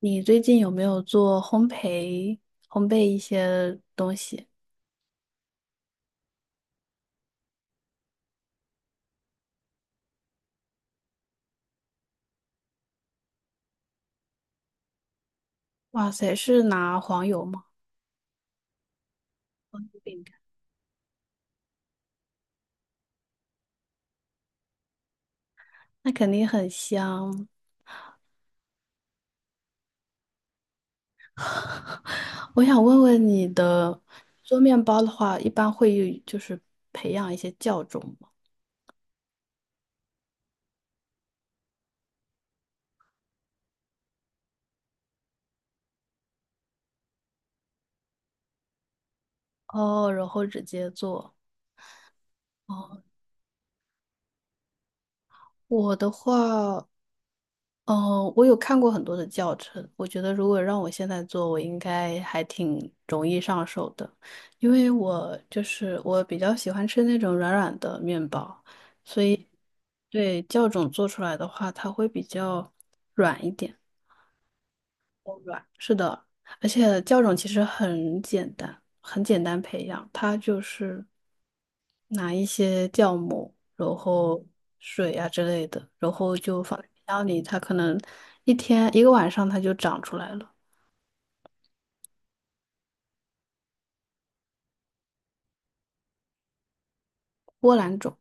你最近有没有做烘焙、烘焙一些东西？哇塞，是拿黄油吗？饼干那肯定很香。我想问问你的，做面包的话，一般会培养一些酵种吗？哦，然后直接做。哦，我的话，哦，我有看过很多的教程，我觉得如果让我现在做，我应该还挺容易上手的，因为我就是我比较喜欢吃那种软软的面包，所以对酵种做出来的话，它会比较软一点，哦软。是的，而且酵种其实很简单，很简单培养，它就是拿一些酵母，然后水啊之类的，然后就放在冰箱里，它可能一天一个晚上它就长出来了。波兰种，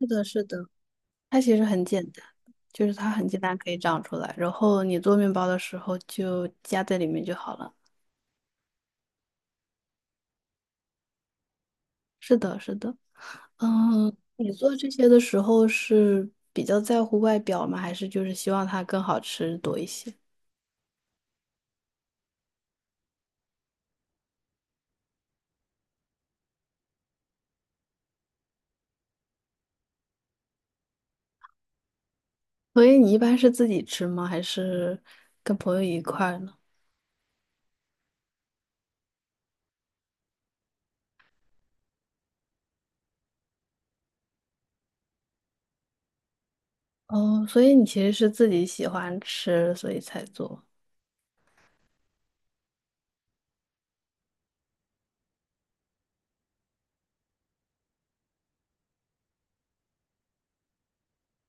是的，是的，它其实很简单，就是它很简单可以长出来，然后你做面包的时候就加在里面就好了。是的，是的，嗯，你做这些的时候是比较在乎外表吗？还是就是希望它更好吃多一些？所以你一般是自己吃吗？还是跟朋友一块儿呢？哦，所以你其实是自己喜欢吃，所以才做。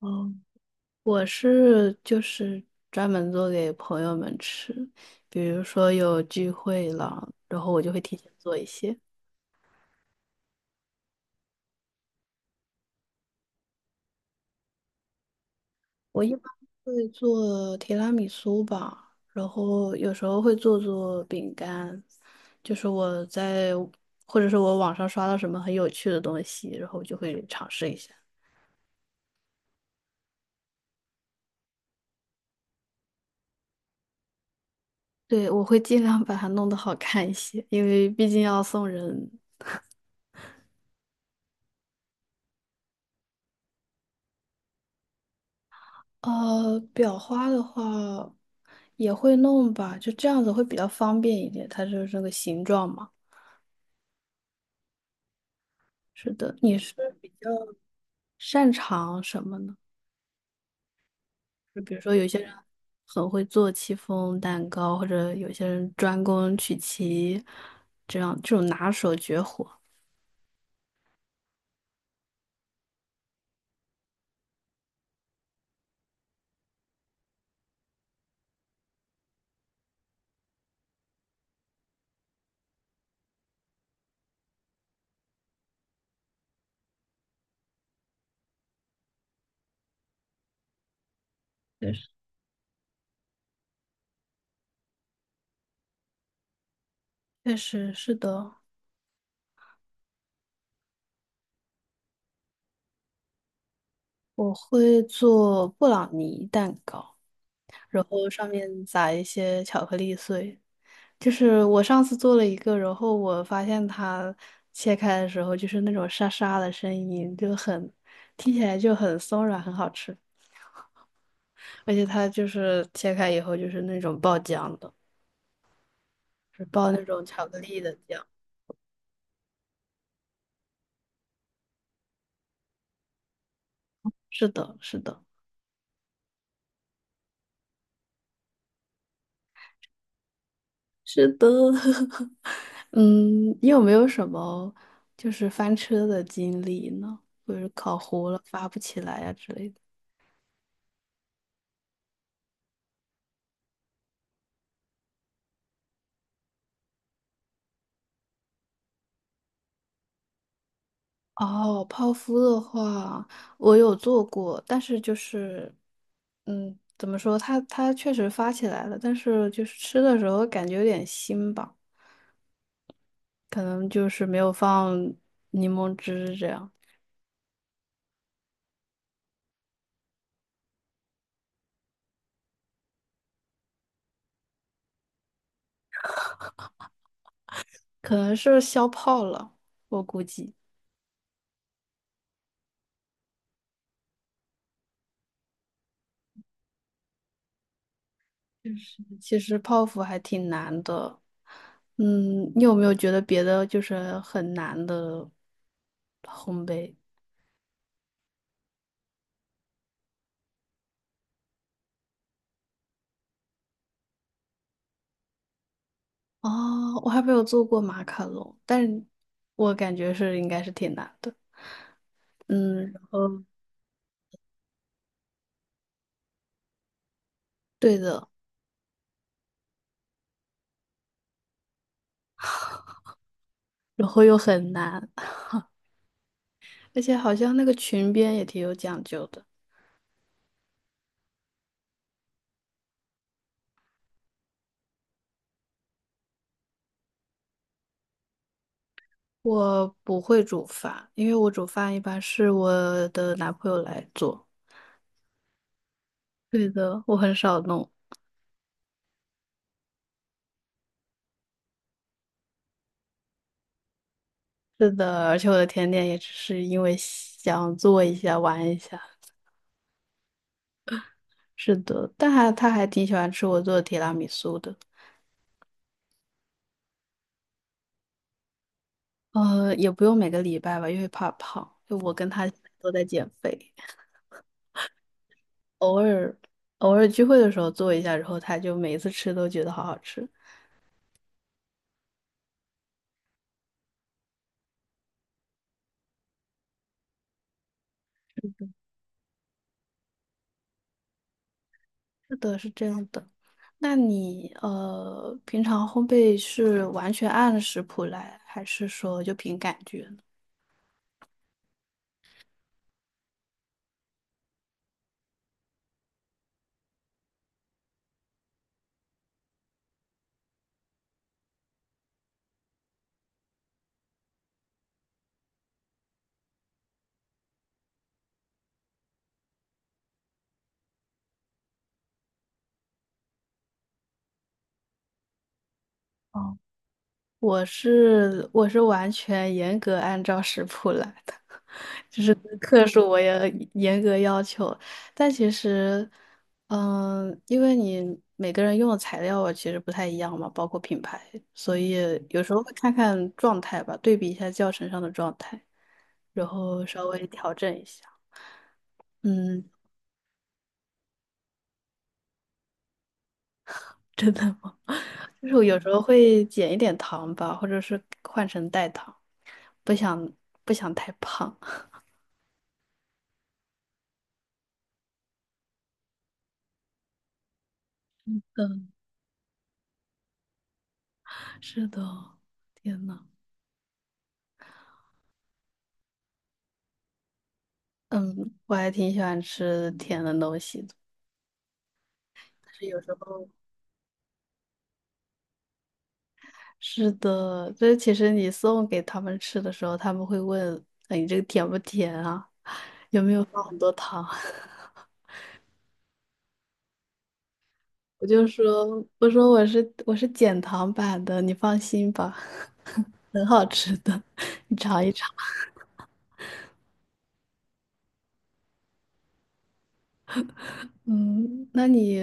哦，我是专门做给朋友们吃，比如说有聚会了，然后我就会提前做一些。我一般会做提拉米苏吧，然后有时候会做做饼干，就是我在或者是我网上刷到什么很有趣的东西，然后我就会尝试一下。对，我会尽量把它弄得好看一些，因为毕竟要送人。裱花的话也会弄吧，就这样子会比较方便一点，它就是这个形状嘛。是的，你是比较擅长什么呢？就比如说，有些人很会做戚风蛋糕，或者有些人专攻曲奇，这样这种拿手绝活。确实，确实是的，我会做布朗尼蛋糕，然后上面撒一些巧克力碎。就是我上次做了一个，然后我发现它切开的时候就是那种沙沙的声音，就很听起来就很松软，很好吃。而且它就是切开以后就是那种爆浆的，是爆那种巧克力的浆。是的，是的，是的。嗯，你有没有什么就是翻车的经历呢？或者是烤糊了发不起来呀、之类的？哦，泡芙的话，我有做过，但是就是，嗯，怎么说？它确实发起来了，但是就是吃的时候感觉有点腥吧，可能就是没有放柠檬汁这样，可能是消泡了，我估计。就是其实泡芙还挺难的，嗯，你有没有觉得别的就是很难的烘焙？哦，我还没有做过马卡龙，但是我感觉是应该是挺难的。嗯，然后对的，然后又很难，而且好像那个裙边也挺有讲究的。我不会煮饭，因为我煮饭一般是我的男朋友来做。对的，我很少弄。是的，而且我的甜点也只是因为想做一下玩一下。是的，但还他还挺喜欢吃我做的提拉米苏的。也不用每个礼拜吧，因为怕胖。就我跟他都在减肥，偶尔偶尔聚会的时候做一下，然后他就每一次吃都觉得好好吃。是的，是这样的。那你平常烘焙是完全按食谱来，还是说就凭感觉？我是完全严格按照食谱来的，就是克数我也严格要求。但其实，嗯，因为你每个人用的材料啊其实不太一样嘛，包括品牌，所以有时候会看看状态吧，对比一下教程上的状态，然后稍微调整一下。嗯，真的吗？就是我有时候会减一点糖吧，或者是换成代糖，不想不想太胖。嗯。是的，天呐，嗯，我还挺喜欢吃甜的东西的，但是有时候是的，这其实你送给他们吃的时候，他们会问，哎，你这个甜不甜啊？有没有放很多糖？我就说，我说我是减糖版的，你放心吧，很好吃的，你尝一尝。嗯，那你，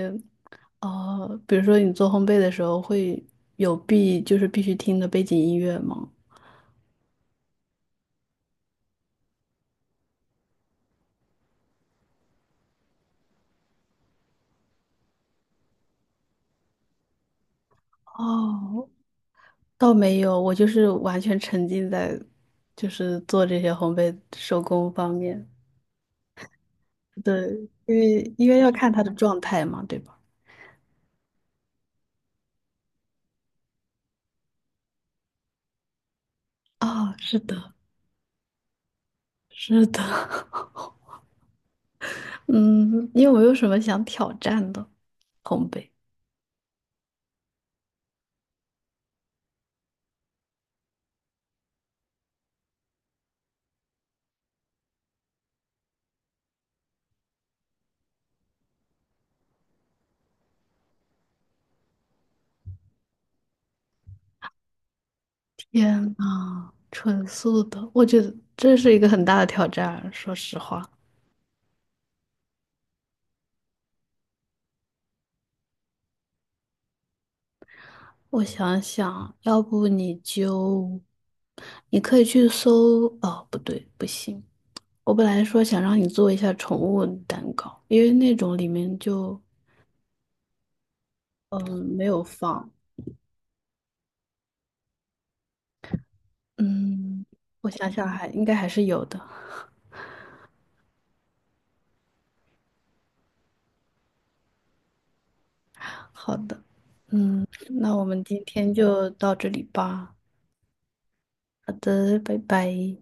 哦，比如说你做烘焙的时候会有必就是必须听的背景音乐吗？哦，倒没有，我就是完全沉浸在做这些烘焙手工方面。对，因为要看他的状态嘛，对吧？啊、是的，是的。嗯，你有没有什么想挑战的烘焙？天呐，纯素的，我觉得这是一个很大的挑战。说实话，我想想，要不你就，你可以去搜，哦，不对，不行。我本来说想让你做一下宠物蛋糕，因为那种里面就没有放，嗯，我想想还应该还是有的。好的，嗯，那我们今天就到这里吧。好的，拜拜。